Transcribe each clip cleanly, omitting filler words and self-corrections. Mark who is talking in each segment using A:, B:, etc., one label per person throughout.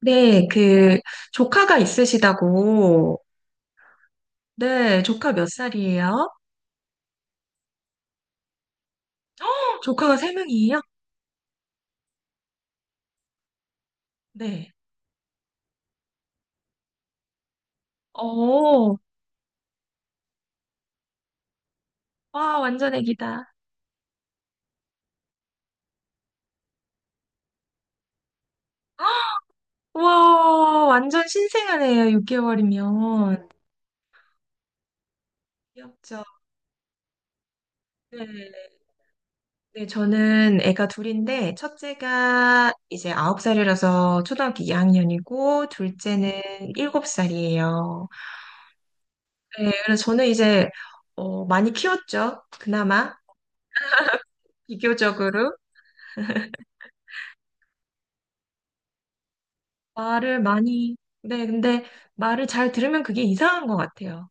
A: 네, 조카가 있으시다고. 네, 조카 몇 살이에요? 조카가 세 명이에요? 네. 오, 와, 완전 애기다. 와, 완전 신생아네요, 6개월이면. 귀엽죠? 네. 네, 저는 애가 둘인데, 첫째가 이제 9살이라서 초등학교 2학년이고, 둘째는 7살이에요. 네, 그래서 저는 이제, 많이 키웠죠. 그나마. 비교적으로. 말을 많이, 네, 근데 말을 잘 들으면 그게 이상한 것 같아요.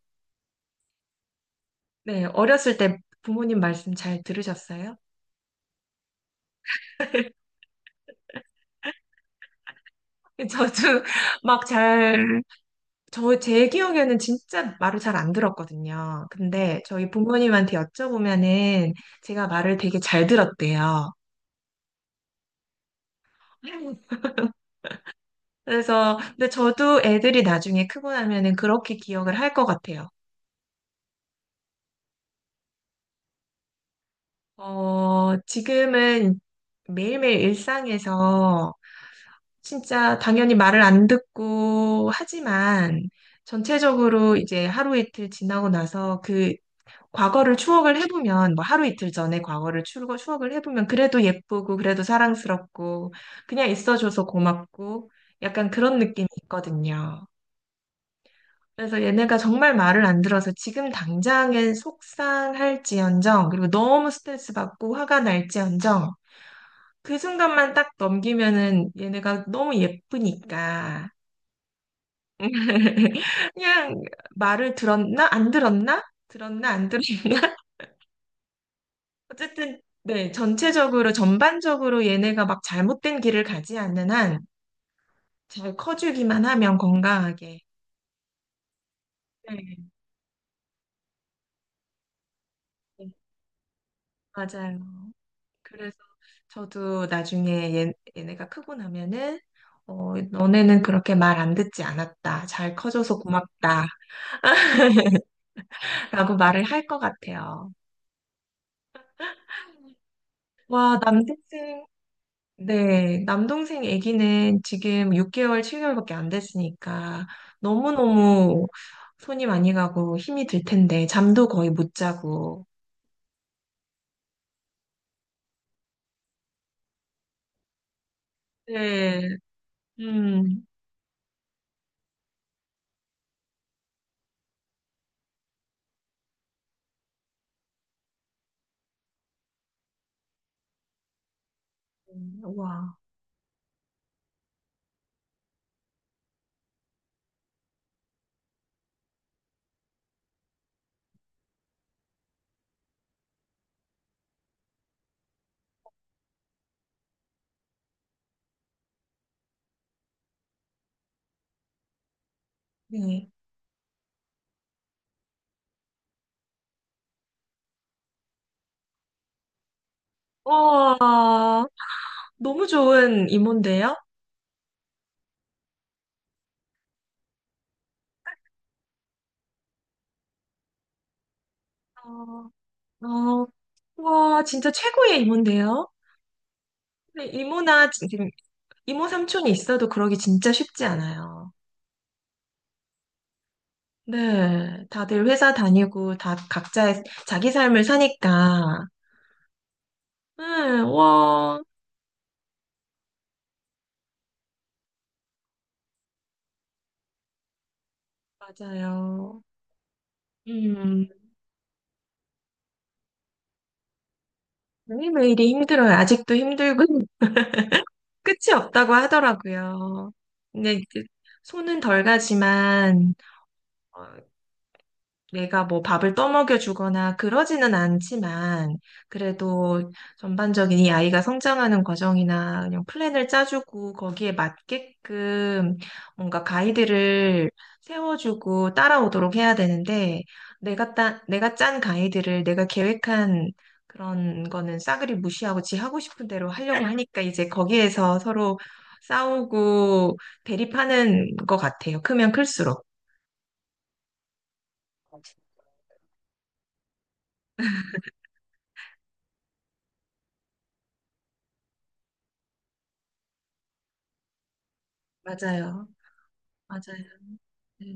A: 네, 어렸을 때 부모님 말씀 잘 들으셨어요? 저도 막 잘, 제 기억에는 진짜 말을 잘 안 들었거든요. 근데 저희 부모님한테 여쭤보면은 제가 말을 되게 잘 들었대요. 그래서, 근데 저도 애들이 나중에 크고 나면은 그렇게 기억을 할 것 같아요. 지금은 매일매일 일상에서 진짜 당연히 말을 안 듣고 하지만 전체적으로 이제 하루 이틀 지나고 나서 그 과거를 추억을 해보면 뭐 하루 이틀 전에 과거를 추억을 해보면 그래도 예쁘고 그래도 사랑스럽고 그냥 있어줘서 고맙고 약간 그런 느낌이 있거든요. 그래서 얘네가 정말 말을 안 들어서 지금 당장엔 속상할지언정 그리고 너무 스트레스 받고 화가 날지언정 그 순간만 딱 넘기면은 얘네가 너무 예쁘니까 그냥 말을 들었나? 안 들었나? 들었나? 안 들었나? 어쨌든, 네, 전체적으로, 전반적으로 얘네가 막 잘못된 길을 가지 않는 한 잘 커주기만 하면 건강하게. 네, 네, 맞아요. 그래서 저도 나중에 얘네가 크고 나면은, 너네는 그렇게 말 안 듣지 않았다. 잘 커져서 고맙다. 라고 말을 할 것 같아요. 와, 남대생. 네, 남동생 아기는 지금 6개월, 7개월밖에 안 됐으니까 너무너무 손이 많이 가고 힘이 들 텐데 잠도 거의 못 자고. 네, 음, 와, 네. 와, 너무 좋은 이모인데요? 어, 어, 와, 진짜 최고의 이모인데요? 근데 이모나 지금 이모 삼촌이 있어도 그러기 진짜 쉽지 않아요. 네, 다들 회사 다니고 다 각자 자기 삶을 사니까. 네, 와, 맞아요. 음, 매일매일이 힘들어요. 아직도 힘들고 끝이 없다고 하더라고요. 근데 이제 손은 덜 가지만 어, 내가 뭐 밥을 떠먹여 주거나 그러지는 않지만, 그래도 전반적인 이 아이가 성장하는 과정이나 그냥 플랜을 짜주고 거기에 맞게끔 뭔가 가이드를 세워주고 따라오도록 해야 되는데, 내가 내가 짠 가이드를 내가 계획한 그런 거는 싸그리 무시하고 지 하고 싶은 대로 하려고 하니까 이제 거기에서 서로 싸우고 대립하는 것 같아요. 크면 클수록. 맞아요. 맞아요. 네,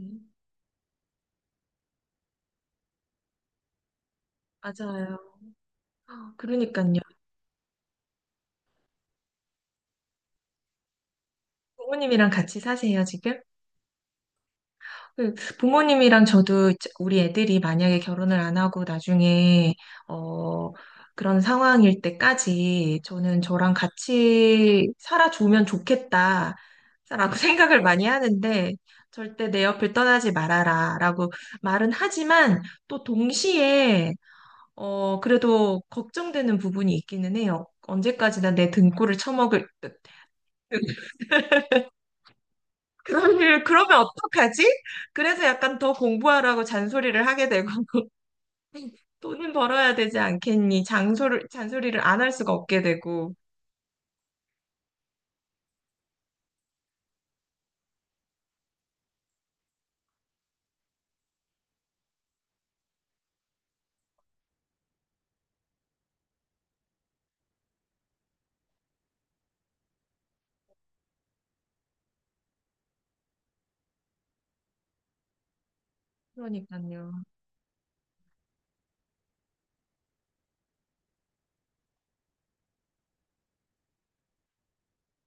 A: 맞아요. 그러니까요. 부모님이랑 같이 사세요, 지금? 그 부모님이랑 저도 이제 우리 애들이 만약에 결혼을 안 하고 나중에, 어, 그런 상황일 때까지 저는 저랑 같이 살아주면 좋겠다. 라고 생각을 많이 하는데, 절대 내 옆을 떠나지 말아라. 라고 말은 하지만, 또 동시에, 그래도 걱정되는 부분이 있기는 해요. 언제까지나 내 등골을 쳐먹을 듯. 그러면 어떡하지? 그래서 약간 더 공부하라고 잔소리를 하게 되고, 돈은 벌어야 되지 않겠니? 잔소리를 안 할 수가 없게 되고. 그러니까요.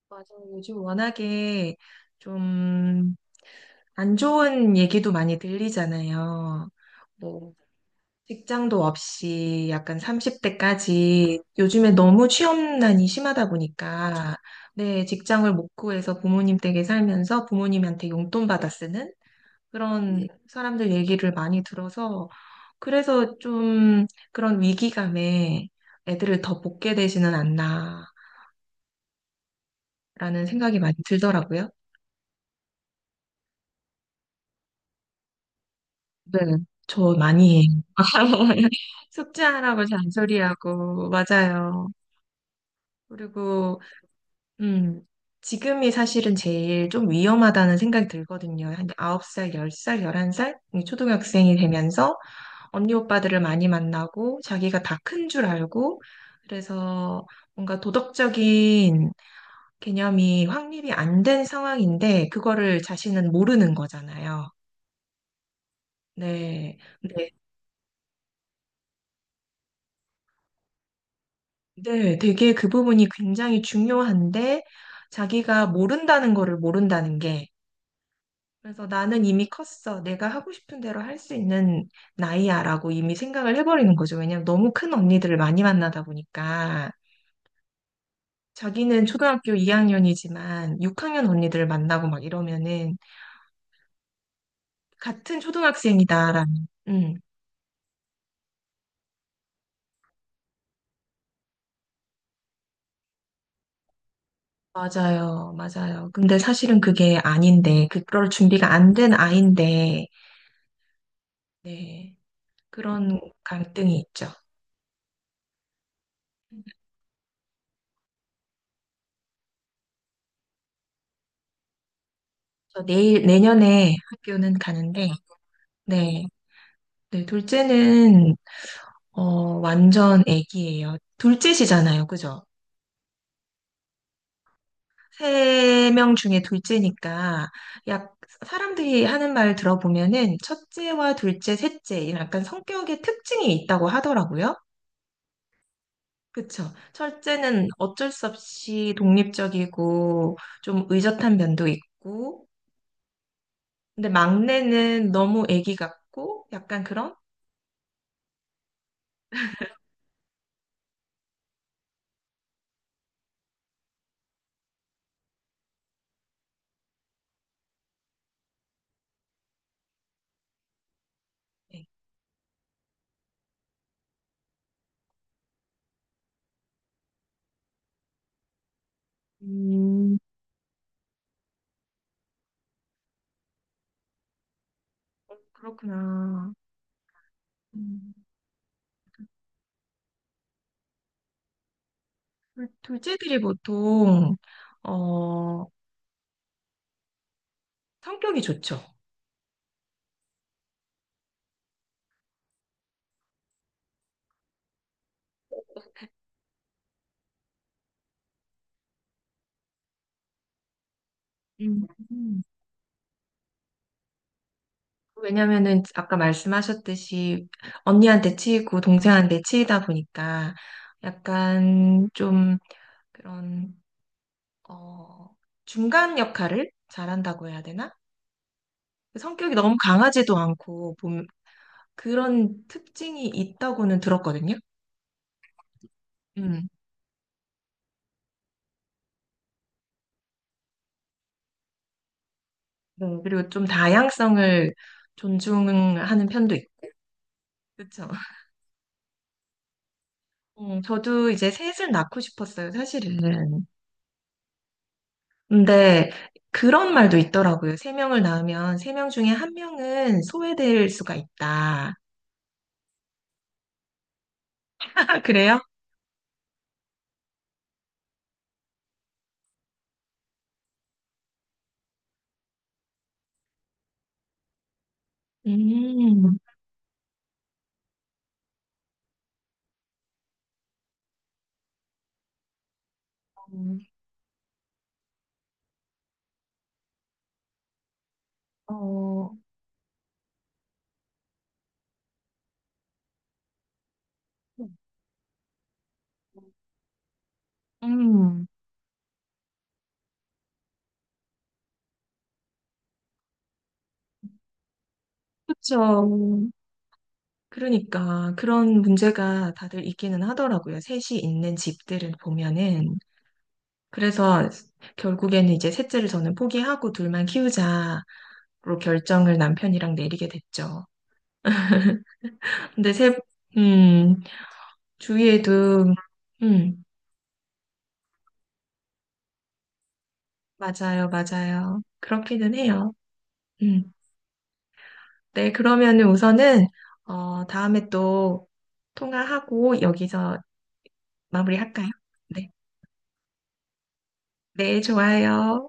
A: 맞아요. 요즘 워낙에 좀 안 좋은 얘기도 많이 들리잖아요. 뭐, 직장도 없이 약간 30대까지 요즘에 너무 취업난이 심하다 보니까, 네, 직장을 못 구해서 부모님 댁에 살면서 부모님한테 용돈 받아 쓰는 그런 사람들 얘기를 많이 들어서 그래서 좀 그런 위기감에 애들을 더 볶게 되지는 않나라는 생각이 많이 들더라고요. 네, 저 많이 해요. 숙제하라고 잔소리하고 맞아요. 그리고 음 지금이 사실은 제일 좀 위험하다는 생각이 들거든요. 한 9살, 10살, 11살 초등학생이 되면서 언니 오빠들을 많이 만나고 자기가 다 큰 줄 알고 그래서 뭔가 도덕적인 개념이 확립이 안 된 상황인데 그거를 자신은 모르는 거잖아요. 네. 네. 네. 되게 그 부분이 굉장히 중요한데 자기가 모른다는 거를 모른다는 게 그래서 나는 이미 컸어. 내가 하고 싶은 대로 할 수 있는 나이야라고 이미 생각을 해버리는 거죠. 왜냐면 너무 큰 언니들을 많이 만나다 보니까. 자기는 초등학교 2학년이지만 6학년 언니들을 만나고 막 이러면은 같은 초등학생이다라는. 맞아요, 맞아요. 근데 사실은 그게 아닌데, 그럴 준비가 안 된 아인데, 네, 그런 갈등이 있죠. 그래서 내년에 학교는 가는데, 네, 네, 둘째는, 어, 완전 애기예요. 둘째시잖아요, 그죠? 세 명 중에 둘째니까 약 사람들이 하는 말 들어보면은 첫째와 둘째, 셋째 이런 약간 성격의 특징이 있다고 하더라고요. 그쵸. 첫째는 어쩔 수 없이 독립적이고 좀 의젓한 면도 있고 근데 막내는 너무 애기 같고 약간 그런? 네. 음, 그렇구나. 음, 둘째들이 보통 어, 성격이 좋죠. 음. 왜냐면은 아까 말씀하셨듯이 언니한테 치이고 동생한테 치이다 보니까 약간 좀 그런 어 중간 역할을 잘한다고 해야 되나? 성격이 너무 강하지도 않고 봄- 그런 특징이 있다고는 들었거든요. 음. 네. 그리고 좀 다양성을 존중하는 편도 있고. 그렇죠. 저도 이제 셋을 낳고 싶었어요, 사실은. 근데 그런 말도 있더라고요. 세 명을 낳으면 세 명 중에 한 명은 소외될 수가 있다. 그래요? 음, 음, 어, 음, 그렇죠. 그러니까 그런 문제가 다들 있기는 하더라고요. 셋이 있는 집들을 보면은. 그래서 결국에는 이제 셋째를 저는 포기하고 둘만 키우자로 결정을 남편이랑 내리게 됐죠. 근데 음, 주위에도, 음, 맞아요, 맞아요. 그렇기는 해요. 음. 네, 그러면은 우선은, 다음에 또 통화하고 여기서 마무리할까요? 네, 네, 좋아요.